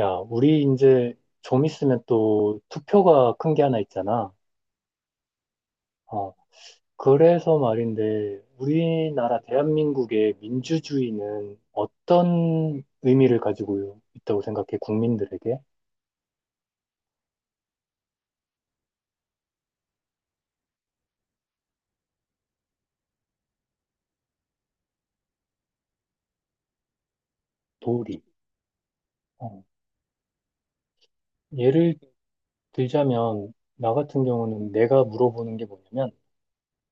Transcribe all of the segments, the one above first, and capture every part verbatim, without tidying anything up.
야, 우리 이제 좀 있으면 또 투표가 큰 게 하나 있잖아. 어, 그래서 말인데, 우리나라 대한민국의 민주주의는 어떤 의미를 가지고 있다고 생각해, 국민들에게? 도리. 어, 예를 들자면, 나 같은 경우는 내가 물어보는 게 뭐냐면,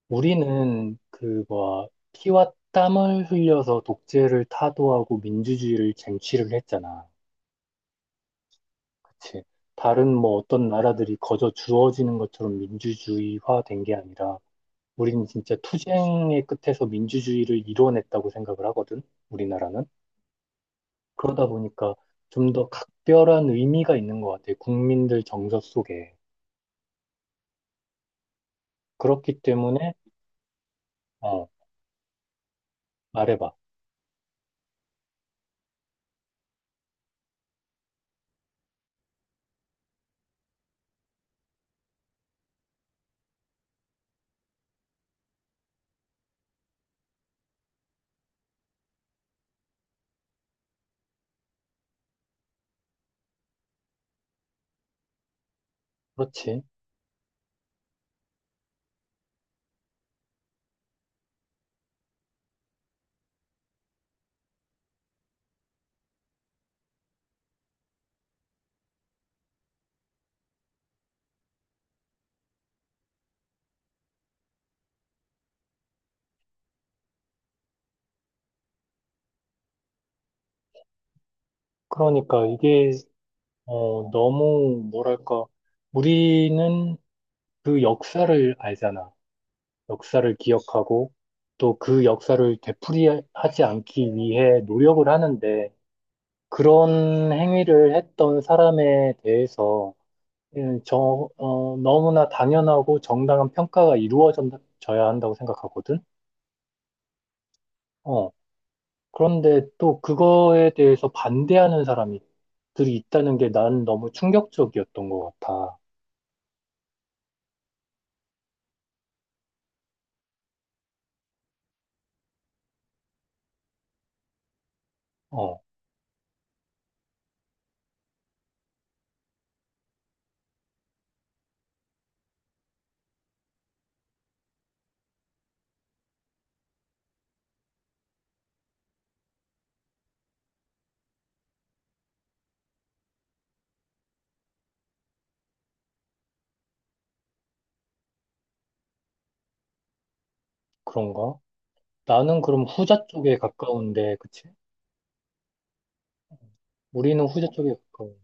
우리는 그, 뭐, 피와 땀을 흘려서 독재를 타도하고 민주주의를 쟁취를 했잖아. 그치. 다른 뭐 어떤 나라들이 거저 주어지는 것처럼 민주주의화 된 게 아니라 우리는 진짜 투쟁의 끝에서 민주주의를 이뤄냈다고 생각을 하거든. 우리나라는. 그러다 보니까 좀 더 각별한 의미가 있는 것 같아. 국민들 정서 속에. 그렇기 때문에 어, 말해봐. 그렇지. 그러니까 이게 어, 너무 뭐랄까 우리는 그 역사를 알잖아. 역사를 기억하고 또 그 역사를 되풀이하지 않기 위해 노력을 하는데 그런 행위를 했던 사람에 대해서 음, 저, 어, 너무나 당연하고 정당한 평가가 이루어져야 한다고 생각하거든. 어, 그런데 또 그거에 대해서 반대하는 사람들이 있다는 게 난 너무 충격적이었던 것 같아. 어, 그런가? 나는 그럼 후자 쪽에 가까운데, 그치? 우리는 후자 쪽에 가까운.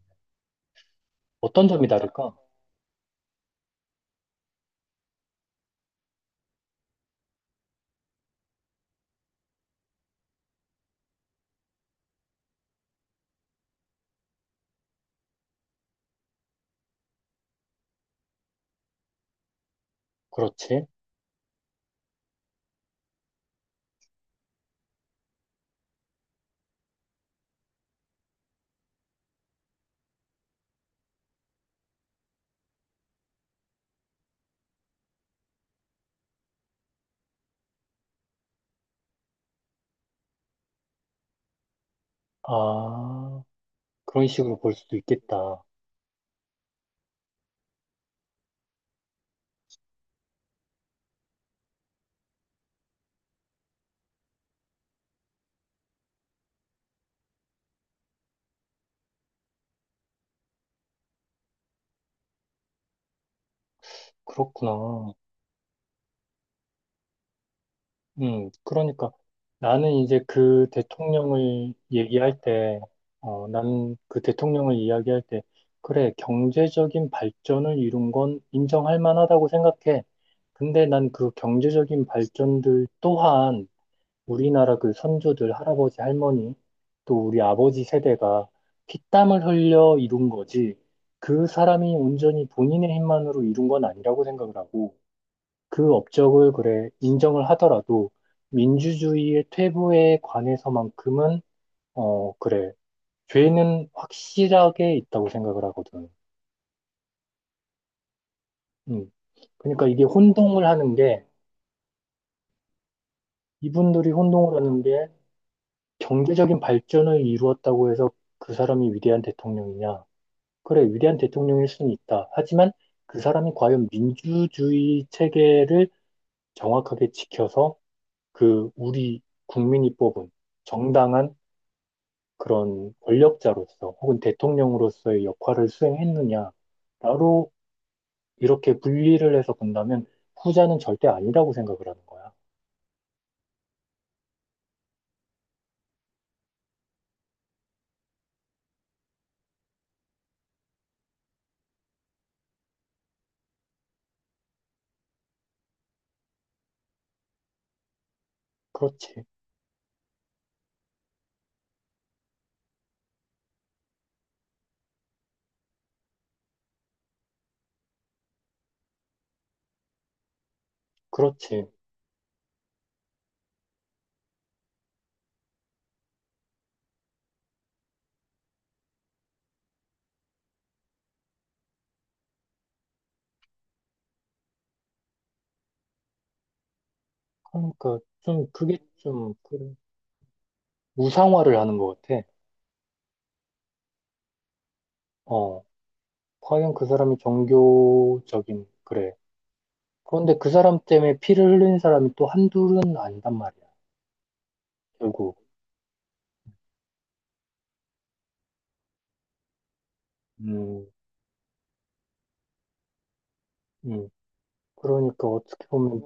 어떤 점이 다를까? 그렇지. 아, 그런 식으로 볼 수도 있겠다. 그렇구나. 음, 그러니까 나는 이제 그 대통령을 얘기할 때, 어, 나는 그 대통령을 이야기할 때, 그래, 경제적인 발전을 이룬 건 인정할 만하다고 생각해. 근데 난 그 경제적인 발전들 또한 우리나라 그 선조들, 할아버지, 할머니, 또 우리 아버지 세대가 피땀을 흘려 이룬 거지, 그 사람이 온전히 본인의 힘만으로 이룬 건 아니라고 생각을 하고, 그 업적을 그래, 인정을 하더라도, 민주주의의 퇴보에 관해서만큼은, 어, 그래, 죄는 확실하게 있다고 생각을 하거든. 음. 그러니까 이게 혼동을 하는 게, 이분들이 혼동을 하는 게, 경제적인 발전을 이루었다고 해서 그 사람이 위대한 대통령이냐? 그래, 위대한 대통령일 수는 있다. 하지만 그 사람이 과연 민주주의 체계를 정확하게 지켜서 그 우리 국민이 뽑은 정당한 그런 권력자로서 혹은 대통령으로서의 역할을 수행했느냐로 이렇게 분리를 해서 본다면 후자는 절대 아니라고 생각을 하는 거야. 그렇지, 그렇지. 그러니까 좀 그게 좀 그래. 우상화를 하는 것 같아. 어, 과연 그 사람이 종교적인, 그래. 그런데 그 사람 때문에 피를 흘린 사람이 또 한둘은 아니단 말이야, 결국. 음, 음, 그러니까 어떻게 보면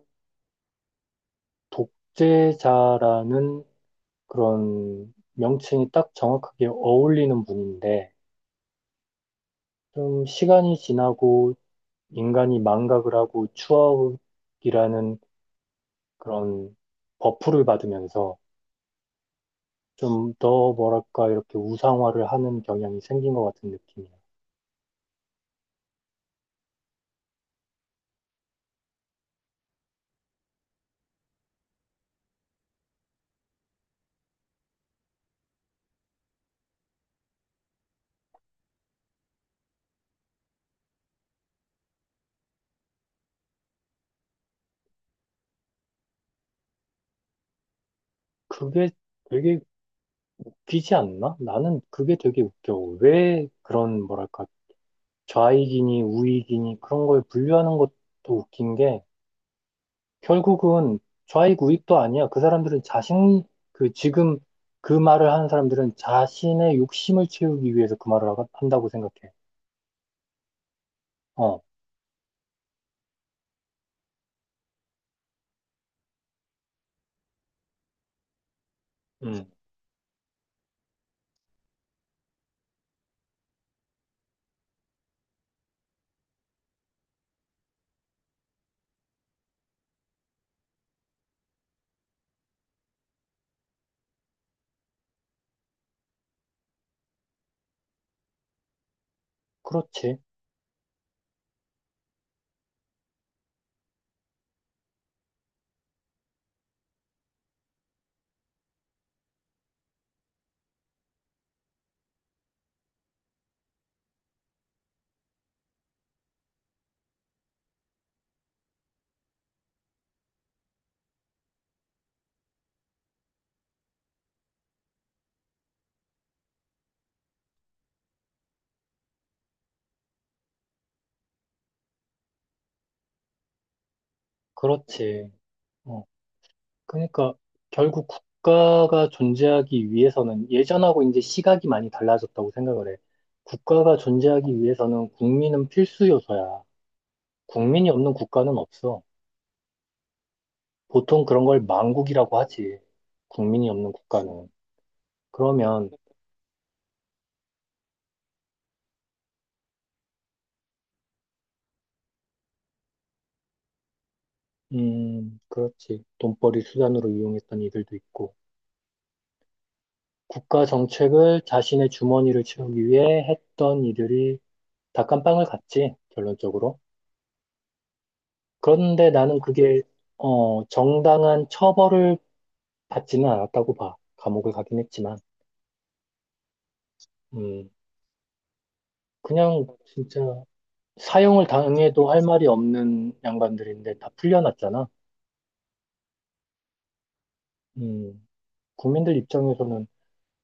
독재자라는 그런 명칭이 딱 정확하게 어울리는 분인데, 좀 시간이 지나고 인간이 망각을 하고 추억이라는 그런 버프를 받으면서 좀 더 뭐랄까 이렇게 우상화를 하는 경향이 생긴 것 같은 느낌이야. 그게 되게 웃기지 않나? 나는 그게 되게 웃겨. 왜 그런, 뭐랄까, 좌익이니 우익이니 그런 걸 분류하는 것도 웃긴 게 결국은 좌익 우익도 아니야. 그 사람들은 자신, 그 지금 그 말을 하는 사람들은 자신의 욕심을 채우기 위해서 그 말을 하- 한다고 생각해. 어, 음, 그렇지. 그렇지. 어. 그러니까 결국 국가가 존재하기 위해서는 예전하고 이제 시각이 많이 달라졌다고 생각을 해. 국가가 존재하기 위해서는 국민은 필수 요소야. 국민이 없는 국가는 없어. 보통 그런 걸 망국이라고 하지. 국민이 없는 국가는. 그러면, 음, 그렇지. 돈벌이 수단으로 이용했던 이들도 있고, 국가 정책을 자신의 주머니를 채우기 위해 했던 이들이 다 깜빵을 갔지, 결론적으로. 그런데 나는 그게, 어, 정당한 처벌을 받지는 않았다고 봐. 감옥을 가긴 했지만, 음, 그냥 진짜 사형을 당해도 할 말이 없는 양반들인데 다 풀려났잖아. 음, 국민들 입장에서는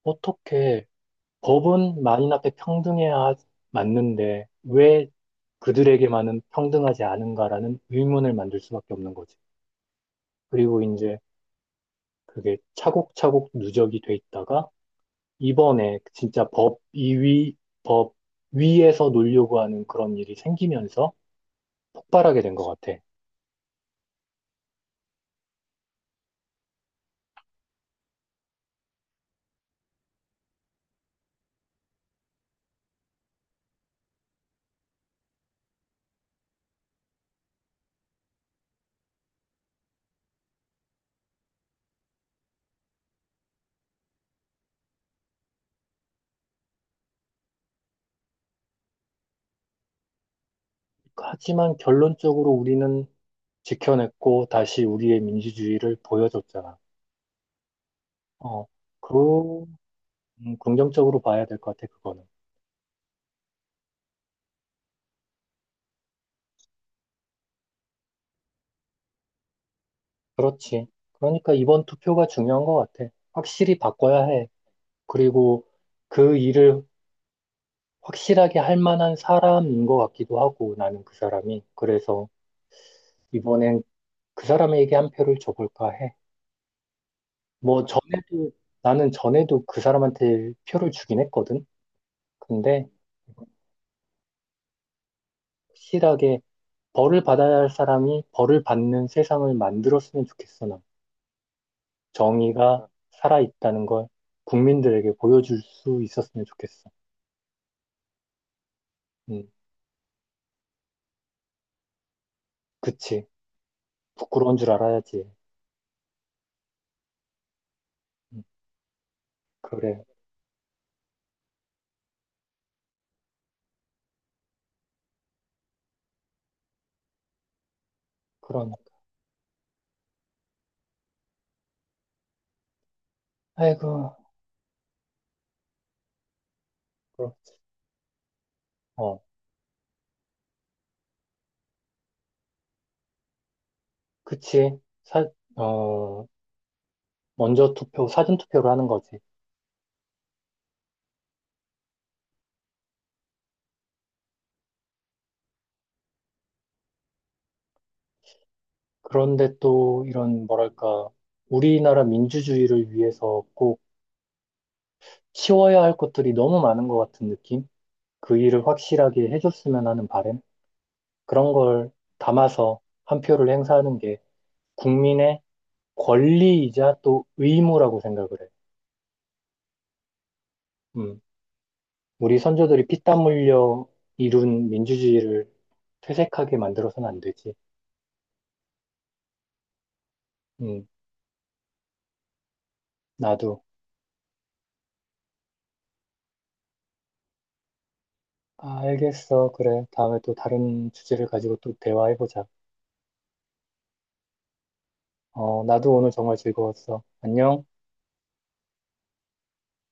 어떻게 법은 만인 앞에 평등해야 하- 맞는데 왜 그들에게만은 평등하지 않은가라는 의문을 만들 수밖에 없는 거지. 그리고 이제 그게 차곡차곡 누적이 돼 있다가 이번에 진짜 법 이 위 법 위에서 놀려고 하는 그런 일이 생기면서 폭발하게 된 것 같아. 하지만 결론적으로 우리는 지켜냈고 다시 우리의 민주주의를 보여줬잖아. 어, 그, 음, 긍정적으로 봐야 될 것 같아, 그거는. 그렇지. 그러니까 이번 투표가 중요한 것 같아. 확실히 바꿔야 해. 그리고 그 일을 확실하게 할 만한 사람인 것 같기도 하고, 나는 그 사람이. 그래서 이번엔 그 사람에게 한 표를 줘볼까 해. 뭐 전에도 나는 전에도 그 사람한테 표를 주긴 했거든. 근데 확실하게 벌을 받아야 할 사람이 벌을 받는 세상을 만들었으면 좋겠어. 난. 정의가 살아있다는 걸 국민들에게 보여줄 수 있었으면 좋겠어. 음, 그치. 부끄러운 줄 알아야지. 음, 그래. 그럼. 아이고. 그럼. 어, 그치. 사, 어, 먼저 투표, 사전 투표를 하는 거지. 그런데 또 이런 뭐랄까 우리나라 민주주의를 위해서 꼭 치워야 할 것들이 너무 많은 것 같은 느낌? 그 일을 확실하게 해줬으면 하는 바램? 그런 걸 담아서 한 표를 행사하는 게 국민의 권리이자 또 의무라고 생각을 해. 음, 우리 선조들이 피땀 흘려 이룬 민주주의를 퇴색하게 만들어서는 안 되지. 음, 나도. 아, 알겠어. 그래. 다음에 또 다른 주제를 가지고 또 대화해보자. 어, 나도 오늘 정말 즐거웠어. 안녕.